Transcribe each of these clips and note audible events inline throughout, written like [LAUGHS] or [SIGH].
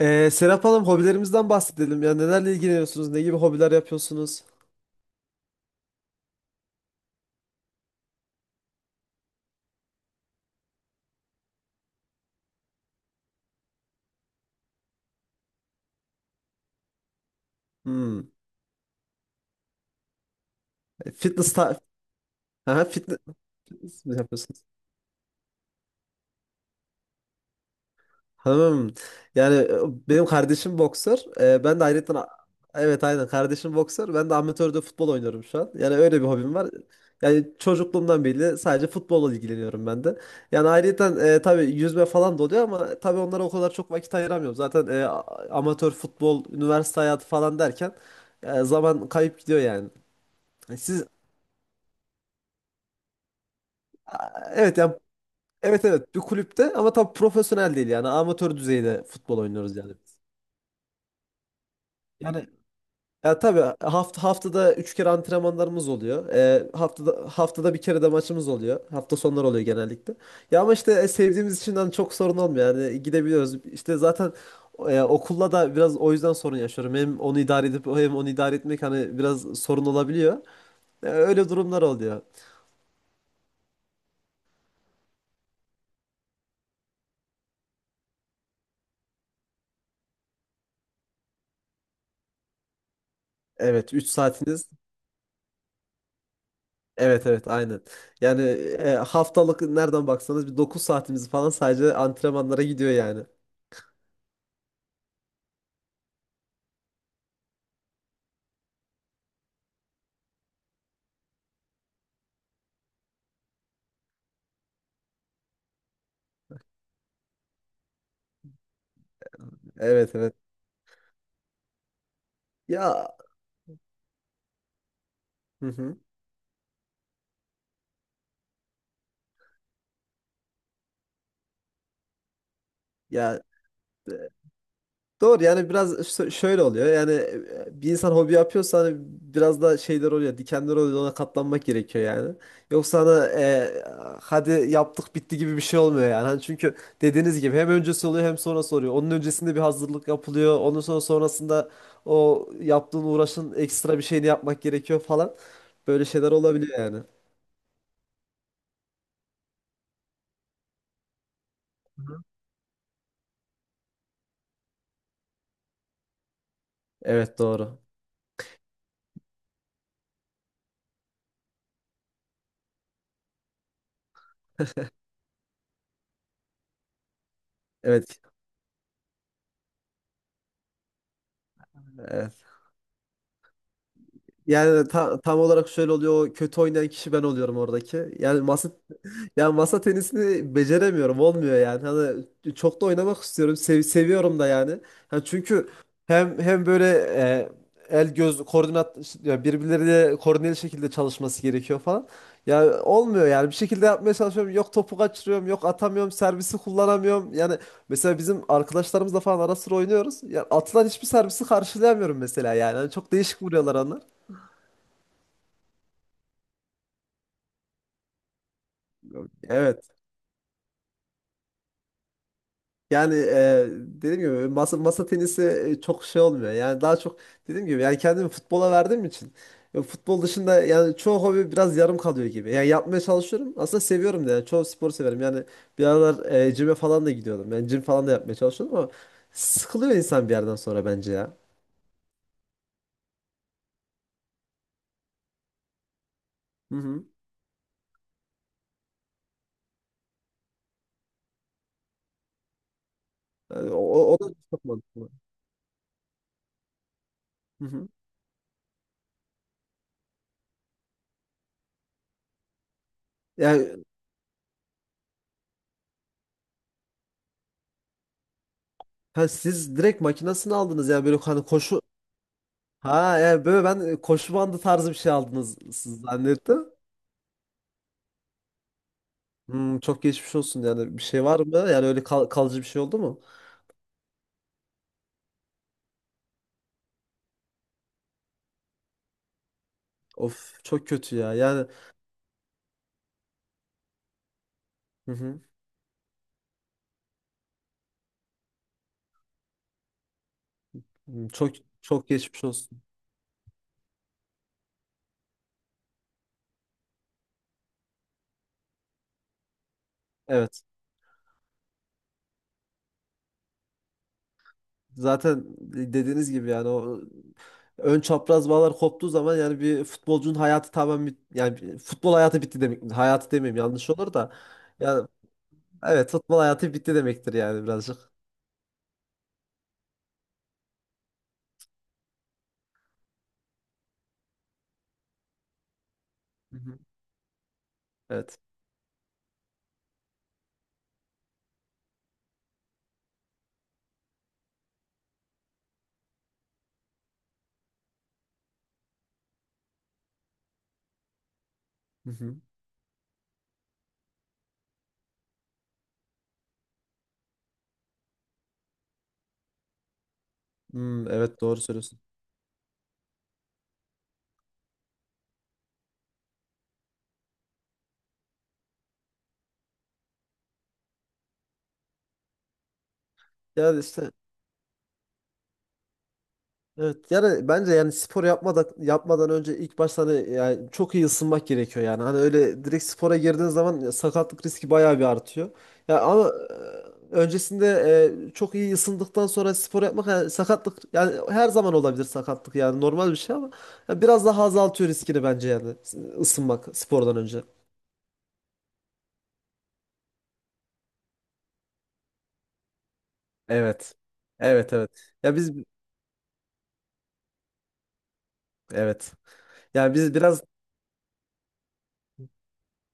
Serap Hanım, hobilerimizden bahsedelim. Ya nelerle ilgileniyorsunuz? Ne gibi hobiler yapıyorsunuz? Hmm. Fitness ta... Aha, fitness mi yapıyorsunuz? Tamam. Yani e, benim kardeşim boksör. Ben de ayrıca... Evet, aynen, kardeşim boksör. Ben de amatörde futbol oynuyorum şu an. Yani öyle bir hobim var. Yani çocukluğumdan beri sadece futbolla ilgileniyorum ben de. Yani ayrıca tabii yüzme falan da oluyor ama tabii onlara o kadar çok vakit ayıramıyorum. Zaten amatör futbol, üniversite hayatı falan derken zaman kayıp gidiyor yani. Siz... evet yani, evet evet, bir kulüpte ama tabii profesyonel değil, yani amatör düzeyde futbol oynuyoruz yani. Yani... Ya tabii haftada 3 kere antrenmanlarımız oluyor. Haftada bir kere de maçımız oluyor. Hafta sonları oluyor genellikle. Ya ama işte sevdiğimiz için hani çok sorun olmuyor. Yani gidebiliyoruz. İşte zaten okulla da biraz o yüzden sorun yaşıyorum. Hem onu idare edip hem onu idare etmek hani biraz sorun olabiliyor. Öyle durumlar oluyor. Evet, 3 saatiniz. Evet evet aynen. Yani haftalık nereden baksanız bir 9 saatimiz falan sadece antrenmanlara gidiyor yani. Evet evet. Ya, hı hı. Ya, doğru, yani biraz şöyle oluyor yani, bir insan hobi yapıyorsa hani biraz da şeyler oluyor, dikenler oluyor, ona katlanmak gerekiyor yani. Yoksa hani hadi yaptık bitti gibi bir şey olmuyor yani. Hani çünkü dediğiniz gibi hem öncesi oluyor hem sonrası oluyor. Onun öncesinde bir hazırlık yapılıyor. Onun sonrasında o yaptığın uğraşın ekstra bir şeyini yapmak gerekiyor falan. Böyle şeyler olabiliyor yani. Evet doğru. Evet. Evet. Yani tam olarak şöyle oluyor. O kötü oynayan kişi ben oluyorum oradaki. Yani masa... [LAUGHS] yani masa tenisini beceremiyorum. Olmuyor yani. Hani çok da oynamak istiyorum. Seviyorum da yani. Hani çünkü hem böyle el göz koordinat, ya birbirleriyle koordineli şekilde çalışması gerekiyor falan. Yani olmuyor yani. Bir şekilde yapmaya çalışıyorum. Yok topu kaçırıyorum. Yok atamıyorum. Servisi kullanamıyorum. Yani mesela bizim arkadaşlarımızla falan ara sıra oynuyoruz. Ya atılan hiçbir servisi karşılayamıyorum mesela yani. Hani çok değişik vuruyorlar onlar. Evet. Yani dediğim gibi masa tenisi çok şey olmuyor. Yani daha çok dediğim gibi, yani kendimi futbola verdiğim için futbol dışında yani çoğu hobi biraz yarım kalıyor gibi. Yani yapmaya çalışıyorum. Aslında seviyorum da yani, çoğu sporu severim. Yani bir aralar cime falan da gidiyordum. Yani cim falan da yapmaya çalışıyordum ama sıkılıyor insan bir yerden sonra bence ya. Hı hı. Yani o da çok mantıklı. Hı hı. Yani ha, siz direkt makinesini aldınız ya, böyle hani koşu... Ha yani böyle ben koşu bandı tarzı bir şey aldınız siz zannettim. Hmm, çok geçmiş olsun. Yani bir şey var mı? Yani öyle kalıcı bir şey oldu mu? Of, çok kötü ya. Yani, hı hı. Hmm, çok geçmiş olsun. Evet. Zaten dediğiniz gibi yani o ön çapraz bağlar koptuğu zaman yani bir futbolcunun hayatı tamamen yani futbol hayatı bitti demek. Hayatı demeyeyim, yanlış olur da. Yani evet, futbol hayatı bitti demektir yani birazcık. Hı hı. Evet. Hı hı. Hmm, evet doğru söylüyorsun. Yani işte... Evet, yani bence yani spor yapmadan yapmadan önce ilk başta hani yani çok iyi ısınmak gerekiyor yani. Hani öyle direkt spora girdiğin zaman sakatlık riski bayağı bir artıyor. Ya ama öncesinde çok iyi ısındıktan sonra spor yapmak, yani sakatlık yani her zaman olabilir, sakatlık yani normal bir şey ama ya biraz daha azaltıyor riskini bence yani, ısınmak spordan önce. Evet. Evet evet. Ya biz... evet. Evet. Yani biz biraz...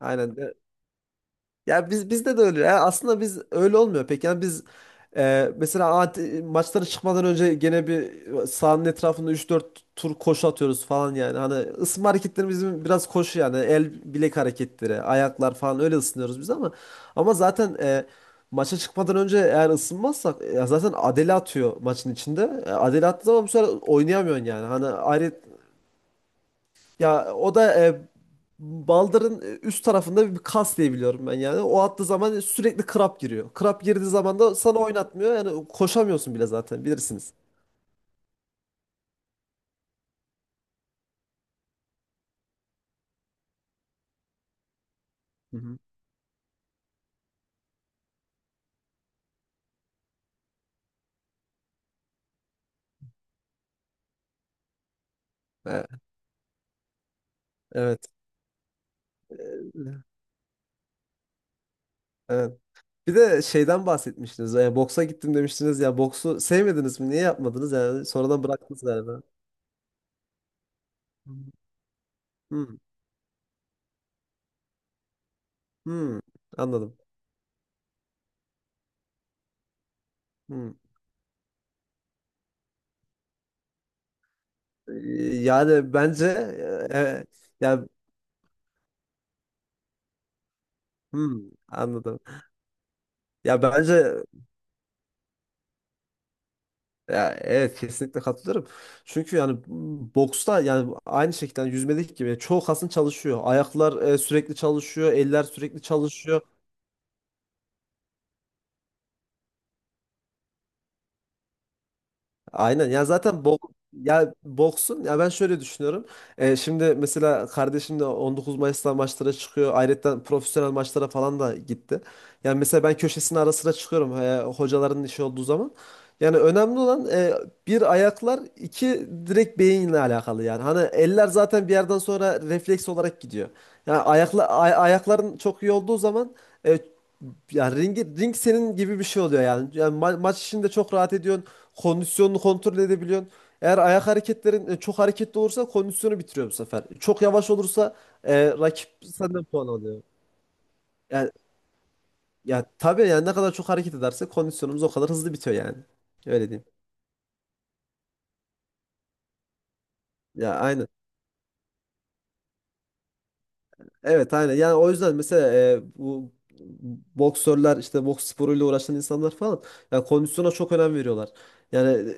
aynen... Ya biz, bizde de öyle. Yani aslında biz öyle olmuyor pek. Yani biz mesela maçlara çıkmadan önce gene bir sahanın etrafında üç dört tur koşu atıyoruz falan yani. Hani ısınma hareketlerimiz bizim biraz koşu yani. El bilek hareketleri, ayaklar falan, öyle ısınıyoruz biz ama ama zaten maça çıkmadan önce eğer ısınmazsak zaten Adele atıyor maçın içinde. Adele attığı zaman bu sefer oynayamıyorsun yani. Hani ayrı... ya o da baldırın üst tarafında bir kas diye biliyorum ben yani. O attığı zaman sürekli krap giriyor. Krap girdiği zaman da sana oynatmıyor. Yani koşamıyorsun bile zaten, bilirsiniz. Hı hı. E, evet. E, evet. Bir de şeyden bahsetmiştiniz. Boksa gittim demiştiniz ya. Boksu sevmediniz mi? Niye yapmadınız yani? Sonradan bıraktınız galiba. Hmm. Hmm. Anladım. Hmm. E, yani bence e, yani hmm, anladım. Ya bence... Ya evet, kesinlikle katılıyorum. Çünkü yani boksta yani aynı şekilde yüzmedik gibi yani, çoğu kasın çalışıyor. Ayaklar sürekli çalışıyor, eller sürekli çalışıyor. Aynen ya, zaten ya boksun, ya ben şöyle düşünüyorum. Şimdi mesela kardeşim de 19 Mayıs'ta maçlara çıkıyor. Ayrıca profesyonel maçlara falan da gitti. Yani mesela ben köşesine ara sıra çıkıyorum hocaların işi olduğu zaman. Yani önemli olan bir ayaklar, iki direkt beyinle alakalı yani. Hani eller zaten bir yerden sonra refleks olarak gidiyor. Yani ayakların çok iyi olduğu zaman e, ya ring senin gibi bir şey oluyor yani. Yani maç içinde çok rahat ediyor. Kondisyonunu kontrol edebiliyorsun. Eğer ayak hareketlerin çok hareketli olursa kondisyonu bitiriyor bu sefer. Çok yavaş olursa rakip senden puan alıyor. Yani, ya tabii yani ne kadar çok hareket ederse kondisyonumuz o kadar hızlı bitiyor yani. Öyle diyeyim. Ya aynen. Evet aynen. Yani o yüzden mesela bu boksörler, işte boks sporuyla uğraşan insanlar falan yani kondisyona çok önem veriyorlar. Yani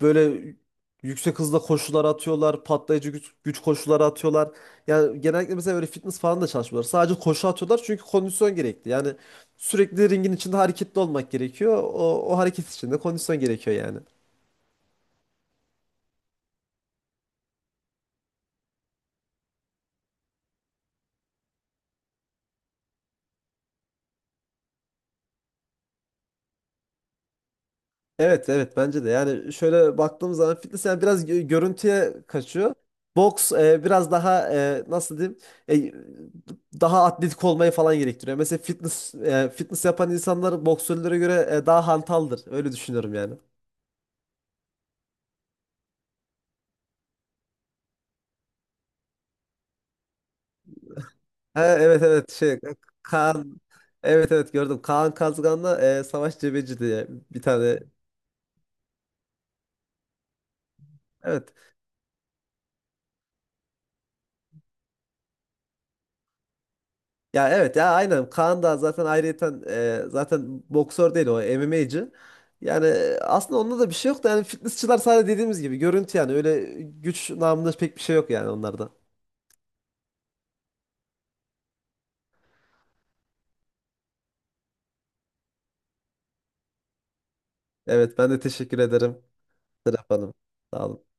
böyle yüksek hızda koşular atıyorlar, patlayıcı güç, güç koşuları atıyorlar. Yani genellikle mesela böyle fitness falan da çalışmıyorlar. Sadece koşu atıyorlar çünkü kondisyon gerekli. Yani sürekli ringin içinde hareketli olmak gerekiyor. O hareket içinde kondisyon gerekiyor yani. Evet evet, bence de yani şöyle baktığımız zaman fitness yani biraz görüntüye kaçıyor. Boks biraz daha nasıl diyeyim daha atletik olmayı falan gerektiriyor. Mesela fitness yapan insanlar boksörlere göre daha hantaldır. Öyle düşünüyorum yani. Ha, evet evet, Kaan... evet evet gördüm. Kaan Kazgan'la Savaş Cebeci diye bir tane, evet. Ya evet, ya aynen, Kaan da zaten ayrıyeten zaten boksör değil, o MMA'cı. Yani aslında onda da bir şey yok da yani fitnessçılar sadece dediğimiz gibi görüntü, yani öyle güç namında pek bir şey yok yani onlarda. Evet, ben de teşekkür ederim Serap Hanım. Sağ olun.